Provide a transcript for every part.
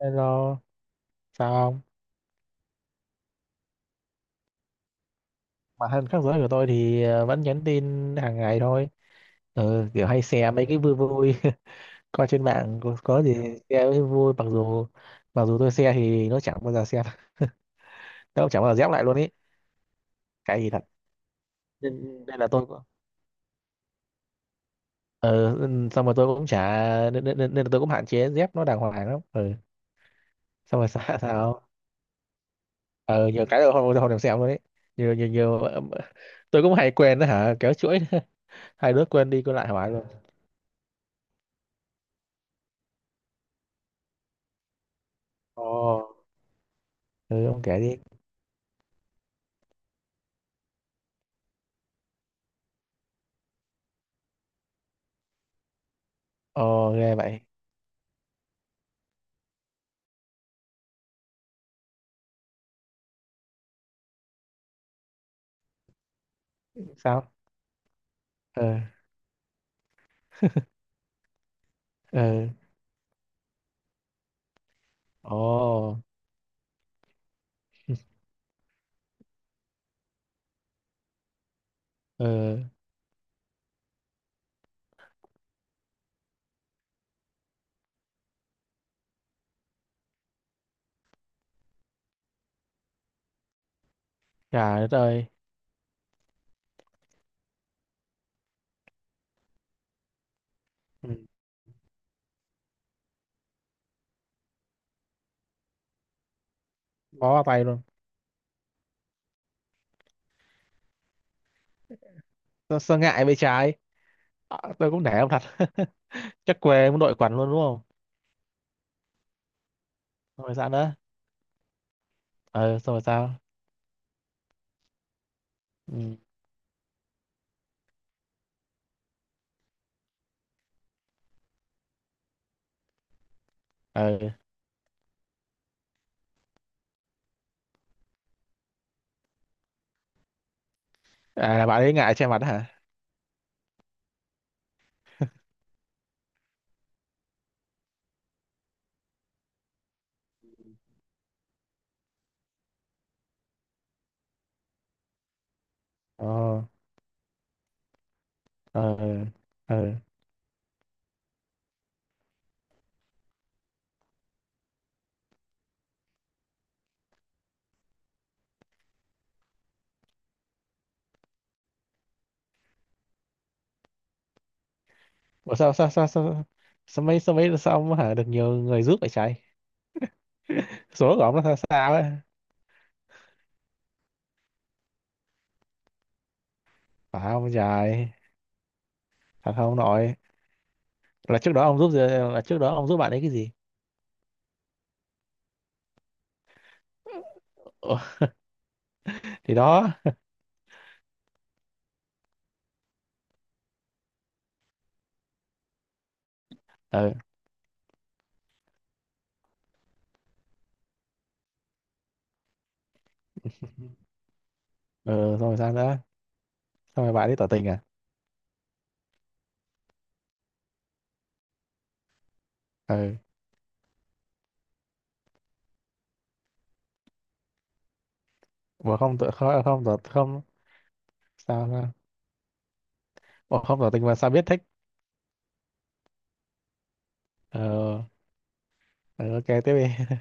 Hello, sao không? Mà thân khác giới của tôi thì vẫn nhắn tin hàng ngày thôi. Ừ, kiểu hay share mấy cái vui vui coi trên mạng có gì share với vui mặc dù tôi share thì nó chẳng bao giờ xem. Nó chẳng bao giờ dép lại luôn ý, cái gì thật. Nên là tôi cũng ừ, xong rồi tôi cũng chả nên, nên, nên nên là tôi cũng hạn chế dép nó đàng hoàng lắm. Ừ, xong rồi. sao sao ừ, nhiều cái rồi không không thèm xem luôn ấy. Nhiều nhiều nhiều tôi cũng hay quên đó hả, kéo chuỗi. Hai đứa quên đi quên lại hỏi luôn. Ồ, ừ ông kể đi. Ồ ghê vậy. Sao? Ừ. Ừ. Ồ. Ừ. Trời đất ơi. Ừ. Bó vào tay luôn. Tôi sơ ngại bên trái. À, tôi cũng nể ông thật. Chắc quê muốn đội quần luôn đúng không? Xong rồi sao nữa? Ừ xong rồi sao? Ừ. Ừ. À là bạn ấy ngại che mặt hả? Ồ. Ừ. Ừ. Ủa sao sao sao sao? Sao mấy sao mấy sao ông hả, được nhiều người giúp vậy trái? Số của ông nó sao sao ấy. Phải không trời? Thật không nội? là trước đó ông giúp gì- là trước đó ông giúp bạn ấy cái gì? Ủa, thì đó. Ừ. Ừ xong rồi sao nữa? Xong rồi bạn đi tỏ tình à? Ừ mà không tỏ không? Sao sao? Ủa, không tỏ tình mà sao biết thích? Ờ. Ừ, ok tiếp đi.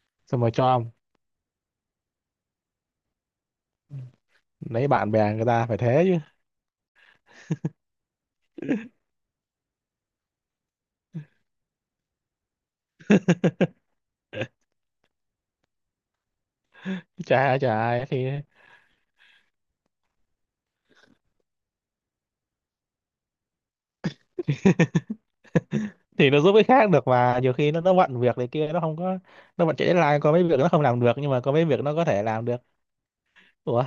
Xong rồi cho ông, lấy bạn bè người ta phải thế chứ. Chả ai thì. Thì nó giúp cái khác được mà, nhiều khi nó bận việc này kia nó không có. Nó bận chạy deadline, có mấy việc nó không làm được nhưng mà có mấy việc nó có thể làm được. Ủa.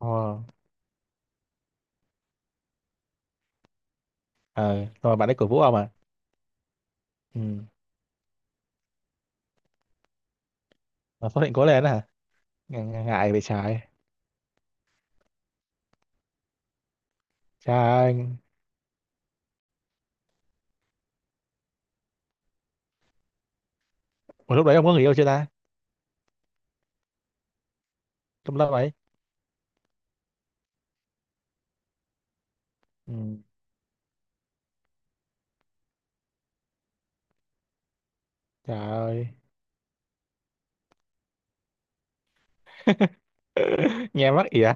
Ờ. Ờ rồi bạn ấy cổ vũ ông à? Ừ mà số định cố lên đó hả? Ngại ngại bị trái. Trai. Ủa lúc đấy ông có người yêu chưa ta? Trong lớp ấy. Ừ. Trời ơi. Nghe mắc ỉa.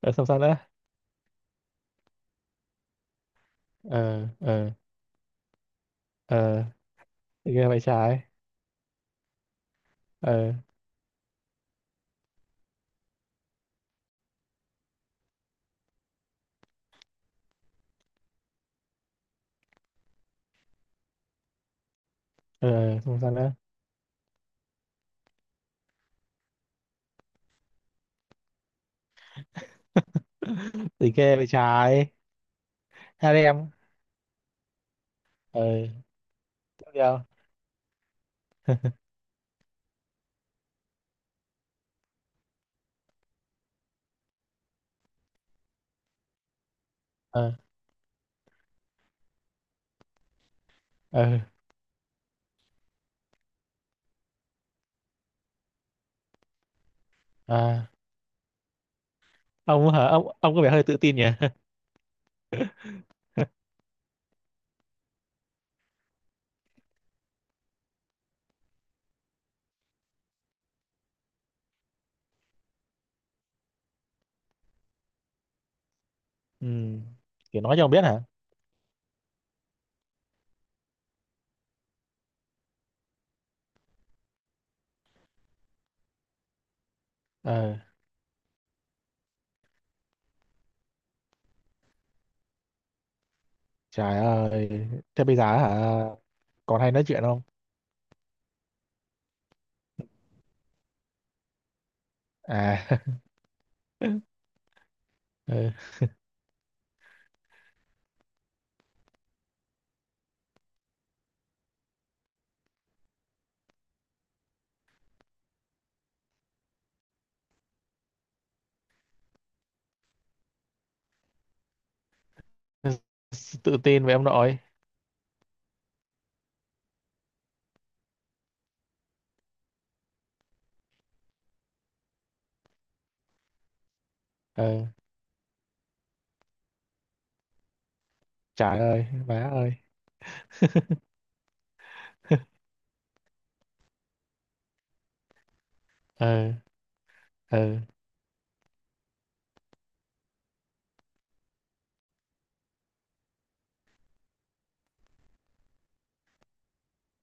Ờ, xong sao nữa? Ờ, ờ, ờ. Thì ghê vậy trái. Ờ, ờ, xong sao nữa? Thì ghê vậy trái. Hai đứa em. Ờ, tiếp theo. Ờ, ờ, à. Ông hả? Ông có vẻ hơi tự tin nhỉ? Ừ. Kiểu nói cho ông biết hả? Ờ, trời ơi. Thế bây giờ hả? Còn hay nói chuyện không? À, ờ, tự tin với ông nội. Ờ. Trời ơi má ơi. Ừ. Ừ.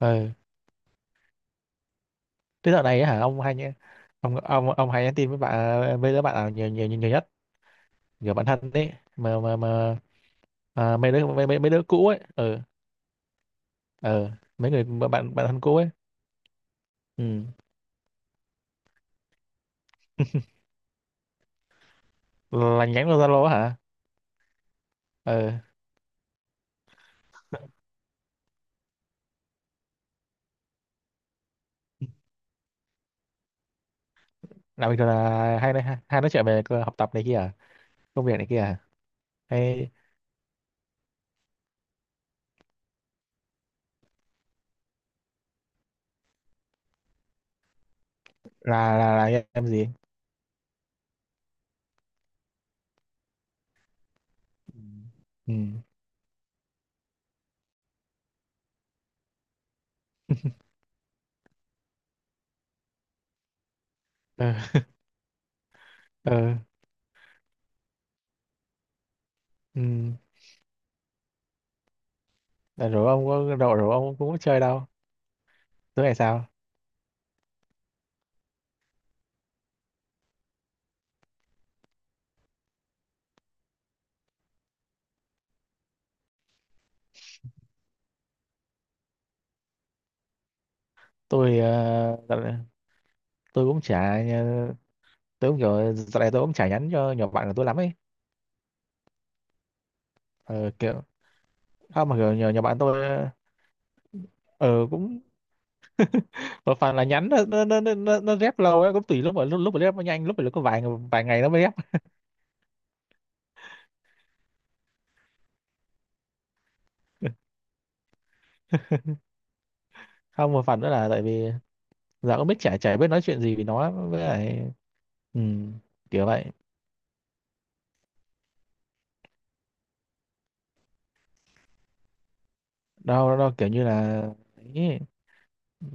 Ừ tới dạo này á hả ông hay nhé. Ông hay nhắn tin với bạn, với đứa bạn nào nhiều nhất, kiểu bạn thân đấy mà? À, mấy đứa cũ ấy. Ừ. Ừ mấy người bạn bạn thân cũ ấy. Ừ là nhắn vào Zalo á hả? Ừ là bình thường là hay nói chuyện về học tập này kia à? Công việc này kia à? Hay là em gì? Ừ. Ừ. Ừ. Ừ. Ừ. Rồi ông có rồi rồi ông cũng có chơi đâu. Tối ngày sao? Tôi dạo này tôi cũng chả tôi cũng kiểu, dạo này tôi cũng chả nhắn cho nhỏ bạn của tôi lắm ấy. Ờ, kiểu không, mà kiểu nhỏ bạn tôi ờ, cũng một phần là nhắn nó rep lâu ấy, cũng tùy lúc, mà lúc lúc mà rep nó nhanh, lúc mà có vài vài ngày nó mới rep. Không một phần nữa là tại vì giờ cũng biết, chả chả biết nói chuyện gì với nó, với lại ừ, kiểu vậy. Đâu đâu kiểu như là ấy,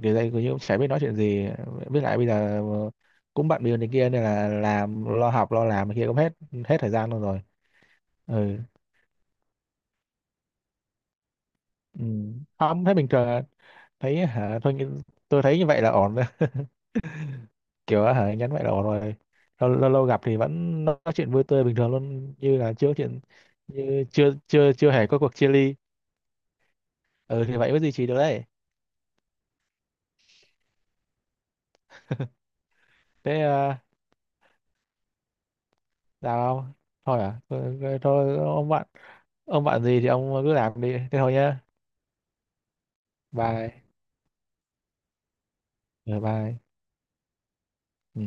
kiểu đây kiểu như cũng chả biết nói chuyện gì, với lại bây giờ cũng bận bịu này kia nên là làm lo học lo làm này kia cũng hết, hết thời gian luôn rồi. Ừ. Ừ. Không thấy bình thường à. Thấy hả thôi nghĩ- Tôi thấy như vậy là ổn rồi. Kiểu hả, nhắn vậy là ổn rồi. Lâu lâu gặp thì vẫn nói chuyện vui tươi bình thường luôn như là chưa có chuyện, như chưa chưa chưa hề có cuộc chia ly. Ừ thì vậy mới duy trì được đấy. Thế à, làm thôi ông bạn. Ông bạn gì thì ông cứ làm đi, thế thôi nhá. Bye. Ừ, bye. Ừ.